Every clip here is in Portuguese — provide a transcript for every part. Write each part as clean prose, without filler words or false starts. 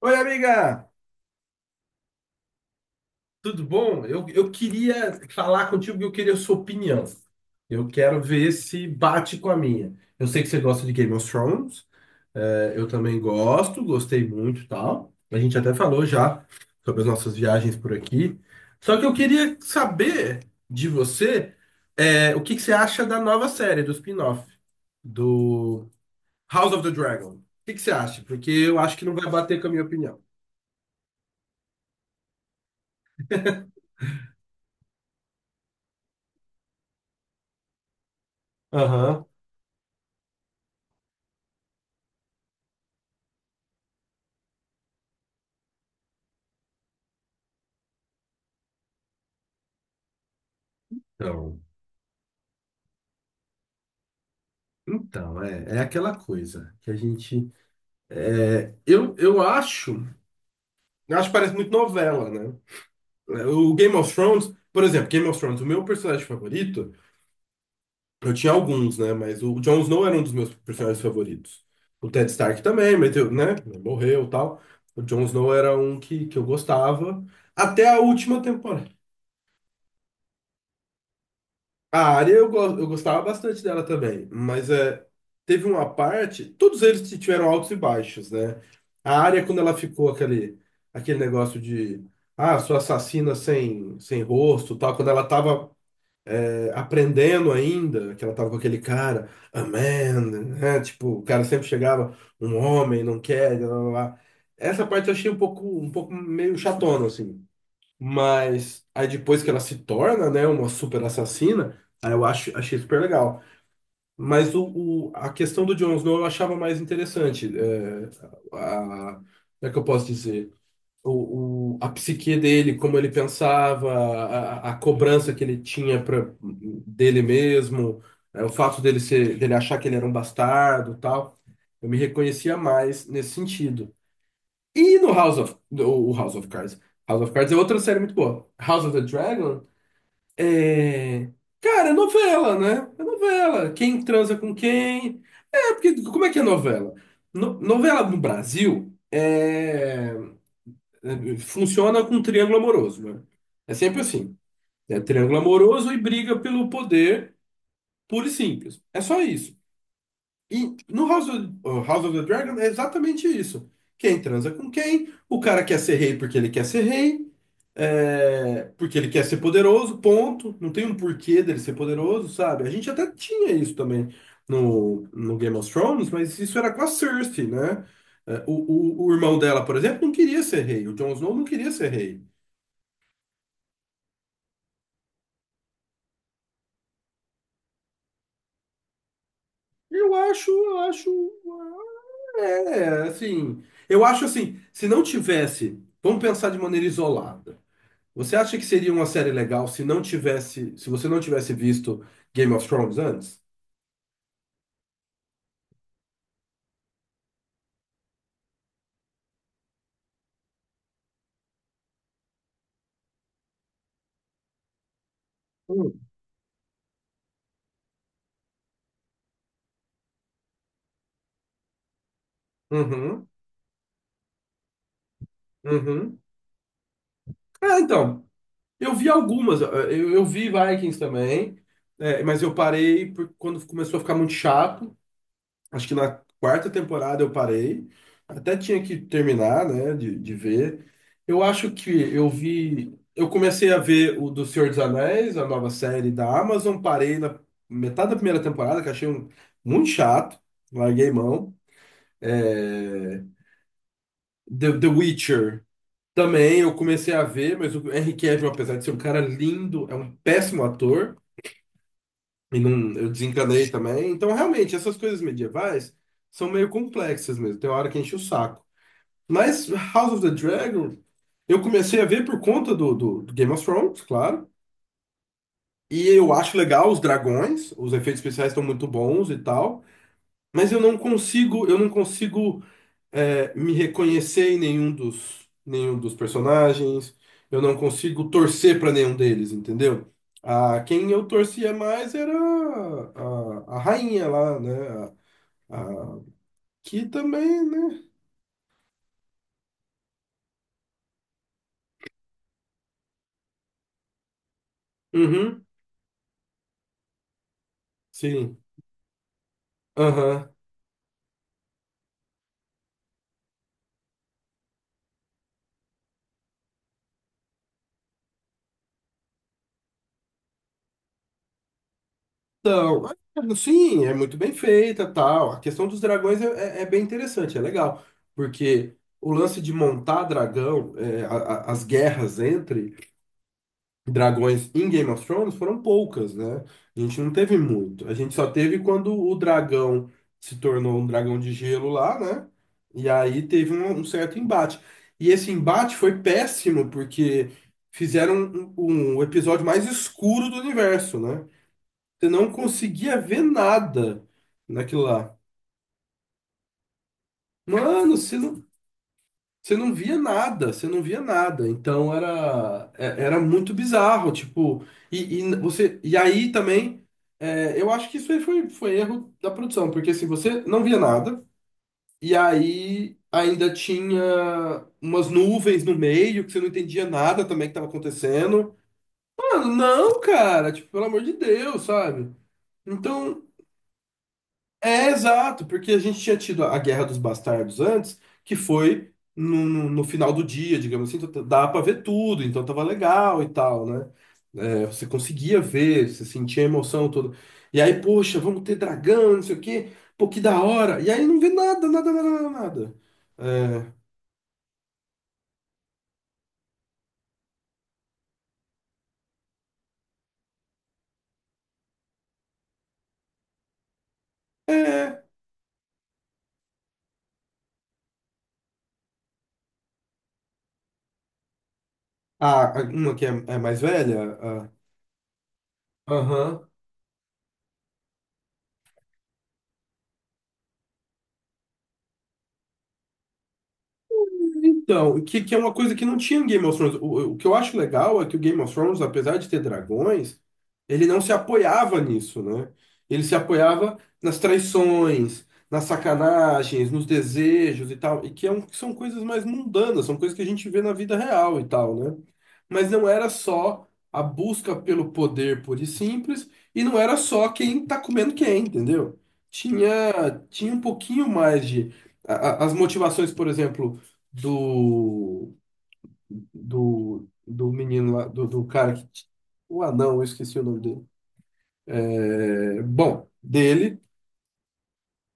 Oi, amiga, tudo bom? Eu queria falar contigo que eu queria a sua opinião. Eu quero ver se bate com a minha. Eu sei que você gosta de Game of Thrones, eu também gosto, gostei muito e tal. A gente até falou já sobre as nossas viagens por aqui. Só que eu queria saber de você, o que que você acha da nova série, do spin-off, do House of the Dragon. O que que você acha? Porque eu acho que não vai bater com a minha opinião. Aham. Então, é aquela coisa que a gente. Eu acho. Eu acho que parece muito novela, né? O Game of Thrones, por exemplo, Game of Thrones, o meu personagem favorito, eu tinha alguns, né? Mas o Jon Snow era um dos meus personagens favoritos. O Ted Stark também, meteu, né? Morreu e tal. O Jon Snow era um que eu gostava. Até a última temporada. A área eu gostava bastante dela também, mas teve uma parte, todos eles tiveram altos e baixos, né? A área, quando ela ficou aquele, negócio de, ah, sou assassina sem rosto, tal, quando ela tava aprendendo ainda, que ela tava com aquele cara, a man, né? Tipo, o cara sempre chegava, um homem, não quer, blá, blá, blá. Essa parte eu achei um pouco meio chatona, assim. Mas aí depois que ela se torna, né, uma super assassina, achei super legal. Mas a questão do Jon Snow eu achava mais interessante. Como é que eu posso dizer? A psique dele, como ele pensava, a cobrança que ele tinha pra, dele mesmo, o fato dele ser, dele achar que ele era um bastardo, e tal. Eu me reconhecia mais nesse sentido. E no House of, o House of Cards. House of Cards é outra série muito boa. House of the Dragon é. Cara, é novela, né? É novela. Quem transa com quem. É, porque como é que é novela? Novela no Brasil é... funciona com triângulo amoroso, né? É sempre assim. É triângulo amoroso e briga pelo poder, puro e simples. É só isso. E no House of, oh, House of the Dragon é exatamente isso. Quem transa com quem, o cara quer ser rei porque ele quer ser rei, porque ele quer ser poderoso, ponto. Não tem um porquê dele ser poderoso, sabe? A gente até tinha isso também no Game of Thrones, mas isso era com a Cersei, né? É, o irmão dela, por exemplo, não queria ser rei. O Jon Snow não queria ser rei. Eu acho, eu acho, é, assim, eu acho assim, se não tivesse, vamos pensar de maneira isolada. Você acha que seria uma série legal se não tivesse, se você não tivesse visto Game of Thrones antes? Hum. Uhum, uhum. É, então, eu vi algumas, eu vi Vikings também, mas eu parei quando começou a ficar muito chato. Acho que na quarta temporada eu parei. Até tinha que terminar, né, de ver. Eu acho que eu vi. Eu comecei a ver o do Senhor dos Anéis, a nova série da Amazon. Parei na metade da primeira temporada, que achei muito chato. Larguei mão. É, The Witcher também eu comecei a ver, mas o Henry Cavill, apesar de ser um cara lindo, é um péssimo ator. E não, eu desencanei também. Então, realmente, essas coisas medievais são meio complexas mesmo. Tem hora que enche o saco. Mas House of the Dragon, eu comecei a ver por conta do Game of Thrones, claro. E eu acho legal os dragões, os efeitos especiais estão muito bons e tal. Mas eu não consigo me reconhecer nenhum dos personagens. Eu não consigo torcer para nenhum deles, entendeu? A, quem eu torcia mais era a rainha lá, né? A, a- que também, né? Uhum, sim. Aham. Então, é, sim, é muito bem feita, tal. A questão dos dragões é bem interessante, é legal, porque o lance de montar dragão, é, as guerras entre dragões em Game of Thrones foram poucas, né? A gente não teve muito. A gente só teve quando o dragão se tornou um dragão de gelo lá, né? E aí teve um certo embate. E esse embate foi péssimo, porque fizeram um episódio mais escuro do universo, né? Você não conseguia ver nada naquilo lá. Mano, você não via nada, você não via nada. Então era, era muito bizarro, tipo, você, e aí também, eu acho que isso aí foi, foi erro da produção, porque assim, você não via nada, e aí ainda tinha umas nuvens no meio, que você não entendia nada também que estava acontecendo. Mano, não, cara, tipo, pelo amor de Deus, sabe? Então, é, exato, porque a gente tinha tido a Guerra dos Bastardos antes, que foi no final do dia, digamos assim, então dá pra ver tudo, então tava legal e tal, né? É, você conseguia ver, você sentia a emoção toda. E aí, poxa, vamos ter dragão, não sei o quê, pô, que da hora. E aí não vê nada, nada, nada, nada, nada. É, é. Uma que é mais velha, aham, então, que é uma coisa que não tinha em Game of Thrones. O que eu acho legal é que o Game of Thrones, apesar de ter dragões, ele não se apoiava nisso, né? Ele se apoiava nas traições, nas sacanagens, nos desejos e tal, e que é que são coisas mais mundanas, são coisas que a gente vê na vida real e tal, né? Mas não era só a busca pelo poder pura e simples, e não era só quem tá comendo quem, entendeu? Tinha um pouquinho mais de. a- as motivações, por exemplo do, do menino lá, do cara que. O anão, eu esqueci o nome dele. É, bom, dele,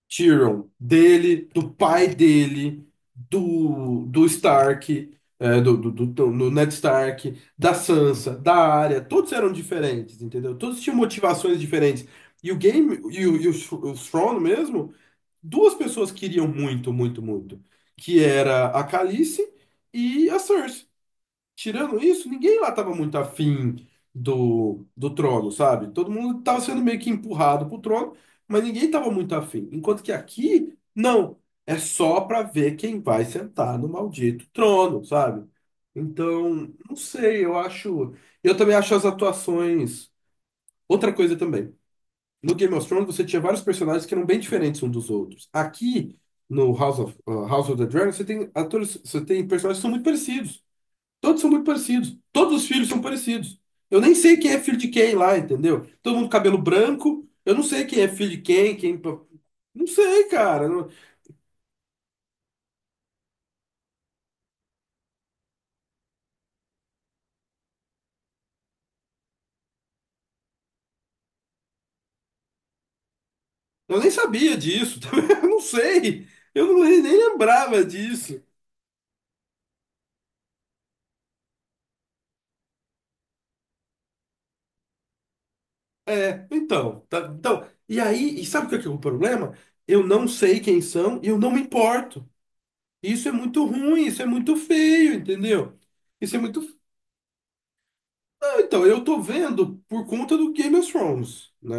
Tyrion, dele, do pai dele, do, do Stark, do Ned Stark, da Sansa, da Arya, todos eram diferentes, entendeu? Todos tinham motivações diferentes. E o game, e o, Sh- o Thrawn mesmo, duas pessoas queriam muito, muito, muito, que era a Khaleesi e a Cersei. Tirando isso, ninguém lá estava muito afim do trono, sabe? Todo mundo estava sendo meio que empurrado pro trono, mas ninguém estava muito afim. Enquanto que aqui, não. É só para ver quem vai sentar no maldito trono, sabe? Então, não sei, eu acho. Eu também acho as atuações. Outra coisa também. No Game of Thrones você tinha vários personagens que eram bem diferentes uns dos outros. Aqui, no House of the Dragon, você tem atores, você tem personagens que são muito parecidos. Todos são muito parecidos. Todos os filhos são parecidos. Eu nem sei quem é filho de quem lá, entendeu? Todo mundo com cabelo branco. Eu não sei quem é filho de quem, quem. Não sei, cara. Eu nem sabia disso. Também eu não sei. Eu nem lembrava disso. É, então, então. E aí, e sabe o que é o problema? Eu não sei quem são e eu não me importo. Isso é muito ruim, isso é muito feio, entendeu? Isso é muito. Então, eu tô vendo por conta do Game of Thrones, né?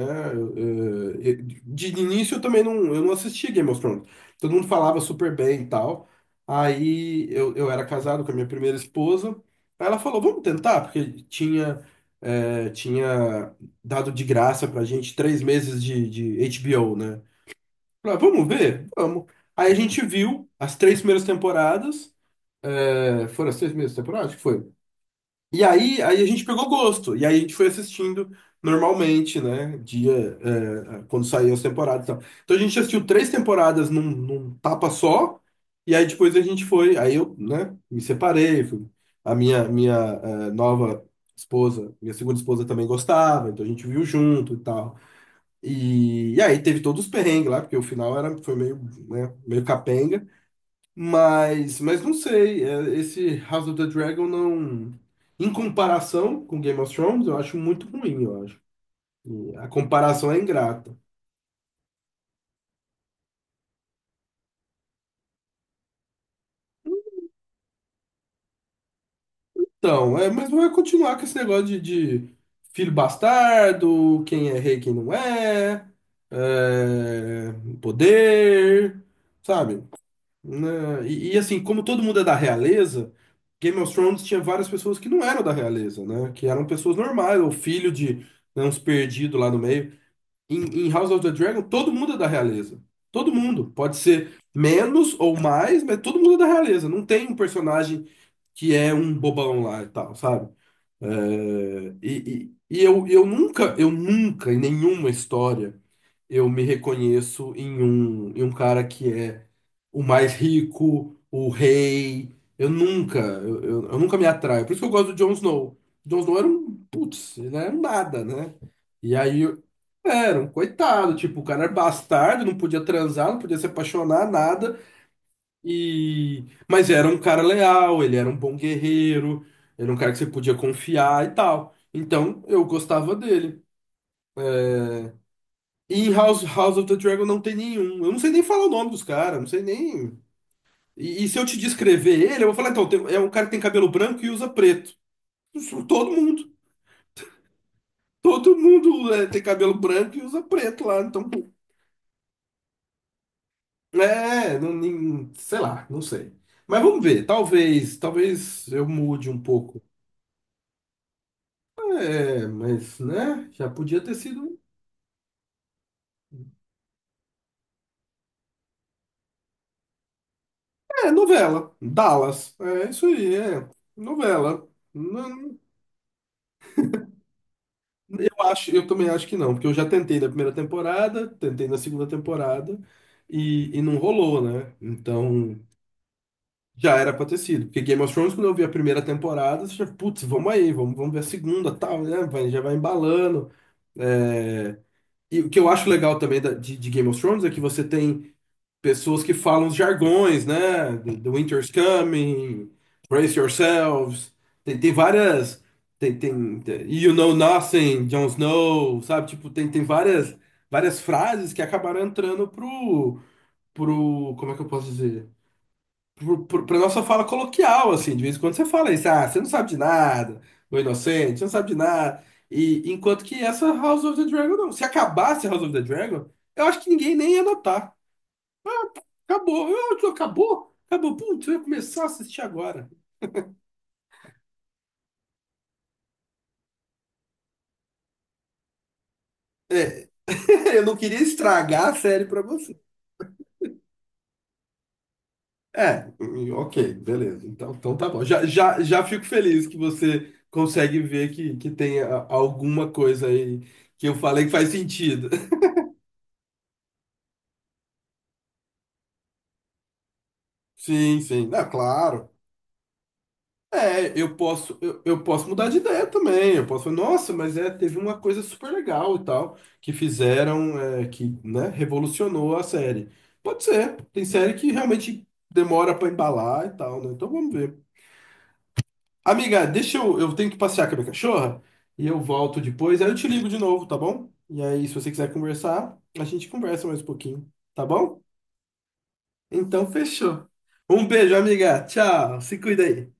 Eh, De início eu também não, eu não assistia Game of Thrones. Todo mundo falava super bem e tal. Aí eu era casado com a minha primeira esposa. Aí ela falou, vamos tentar, porque tinha dado de graça pra gente 3 meses de HBO, né? Falei, "Ah, vamos ver? Vamos. Aí a gente viu as três primeiras temporadas. Foram as três primeiras temporadas? Acho que foi. E aí a gente pegou gosto, e aí a gente foi assistindo normalmente, né? Dia, quando saíam as temporadas e tal. Então a gente assistiu três temporadas num tapa só, e aí depois a gente foi, aí eu, né, me separei, a minha, minha, é, nova esposa, minha segunda esposa também gostava, então a gente viu junto e tal. E aí teve todos os perrengues lá, porque o final era, foi meio, né, meio capenga. Mas não sei, esse House of the Dragon não. Em comparação com Game of Thrones, eu acho muito ruim, eu acho. E a comparação é ingrata. Então, é, mas vai continuar com esse negócio de filho bastardo, quem é rei, quem não é, é, poder, sabe? Né? E assim, como todo mundo é da realeza, Game of Thrones tinha várias pessoas que não eram da realeza, né? Que eram pessoas normais, ou filho de né, uns perdidos lá no meio. Em House of the Dragon, todo mundo é da realeza. Todo mundo. Pode ser menos ou mais, mas todo mundo é da realeza. Não tem um personagem que é um bobão lá e tal, sabe? É, e eu nunca, eu nunca, em nenhuma história eu me reconheço em um cara que é o mais rico, o rei. Eu nunca, eu nunca me atraio. Por isso que eu gosto do Jon Snow. Jon Snow era um, putz, ele era um nada, né? E aí, era um coitado, tipo, o cara era bastardo, não podia transar, não podia se apaixonar, nada. E... Mas era um cara leal, ele era um bom guerreiro, era um cara que você podia confiar e tal. Então, eu gostava dele. E House of the Dragon não tem nenhum. Eu não sei nem falar o nome dos caras, não sei nem. E se eu te descrever ele, eu vou falar, então, é um cara que tem cabelo branco e usa preto. Isso, todo mundo. Todo mundo é, tem cabelo branco e usa preto lá. Então, pô, é, não, sei lá, não sei. Mas vamos ver, talvez, talvez eu mude um pouco. É, mas, né, já podia ter sido. É, novela. Dallas. É isso aí, é. Novela. Não- Eu acho, eu também acho que não, porque eu já tentei na primeira temporada, tentei na segunda temporada e não rolou, né? Então já era pra ter sido. Porque Game of Thrones, quando eu vi a primeira temporada, você já, putz, vamos aí, vamos, vamos ver a segunda, tal, né? Vai, já vai embalando. É, e o que eu acho legal também de Game of Thrones é que você tem pessoas que falam os jargões, né? Do the Winter's Coming, Brace Yourselves. Tem, tem várias. You Know Nothing, Jon Snow, sabe? Tipo, tem, tem várias, várias frases que acabaram entrando pro. Como é que eu posso dizer? Pra nossa fala coloquial, assim. De vez em quando você fala isso, ah, você não sabe de nada, o inocente, você não sabe de nada. E enquanto que essa House of the Dragon não. Se acabasse House of the Dragon, eu acho que ninguém nem ia notar. Acabou, eu, tu acabou, acabou, putz, eu ia começar a assistir agora. É, eu não queria estragar a série pra você. É, ok, beleza. Então, então tá bom. Já, já, já fico feliz que você consegue ver que tem alguma coisa aí que eu falei que faz sentido. Sim, sim. Ah, claro. É, eu posso mudar de ideia também. Eu posso falar, nossa, mas é, teve uma coisa super legal e tal, que fizeram, é, que, né, revolucionou a série. Pode ser, tem série que realmente demora pra embalar e tal, né? Então vamos ver. Amiga, deixa eu tenho que passear com a minha cachorra e eu volto depois, aí eu te ligo de novo, tá bom? E aí, se você quiser conversar, a gente conversa mais um pouquinho, tá bom? Então fechou. Um beijo, amiga. Tchau. Se cuida aí.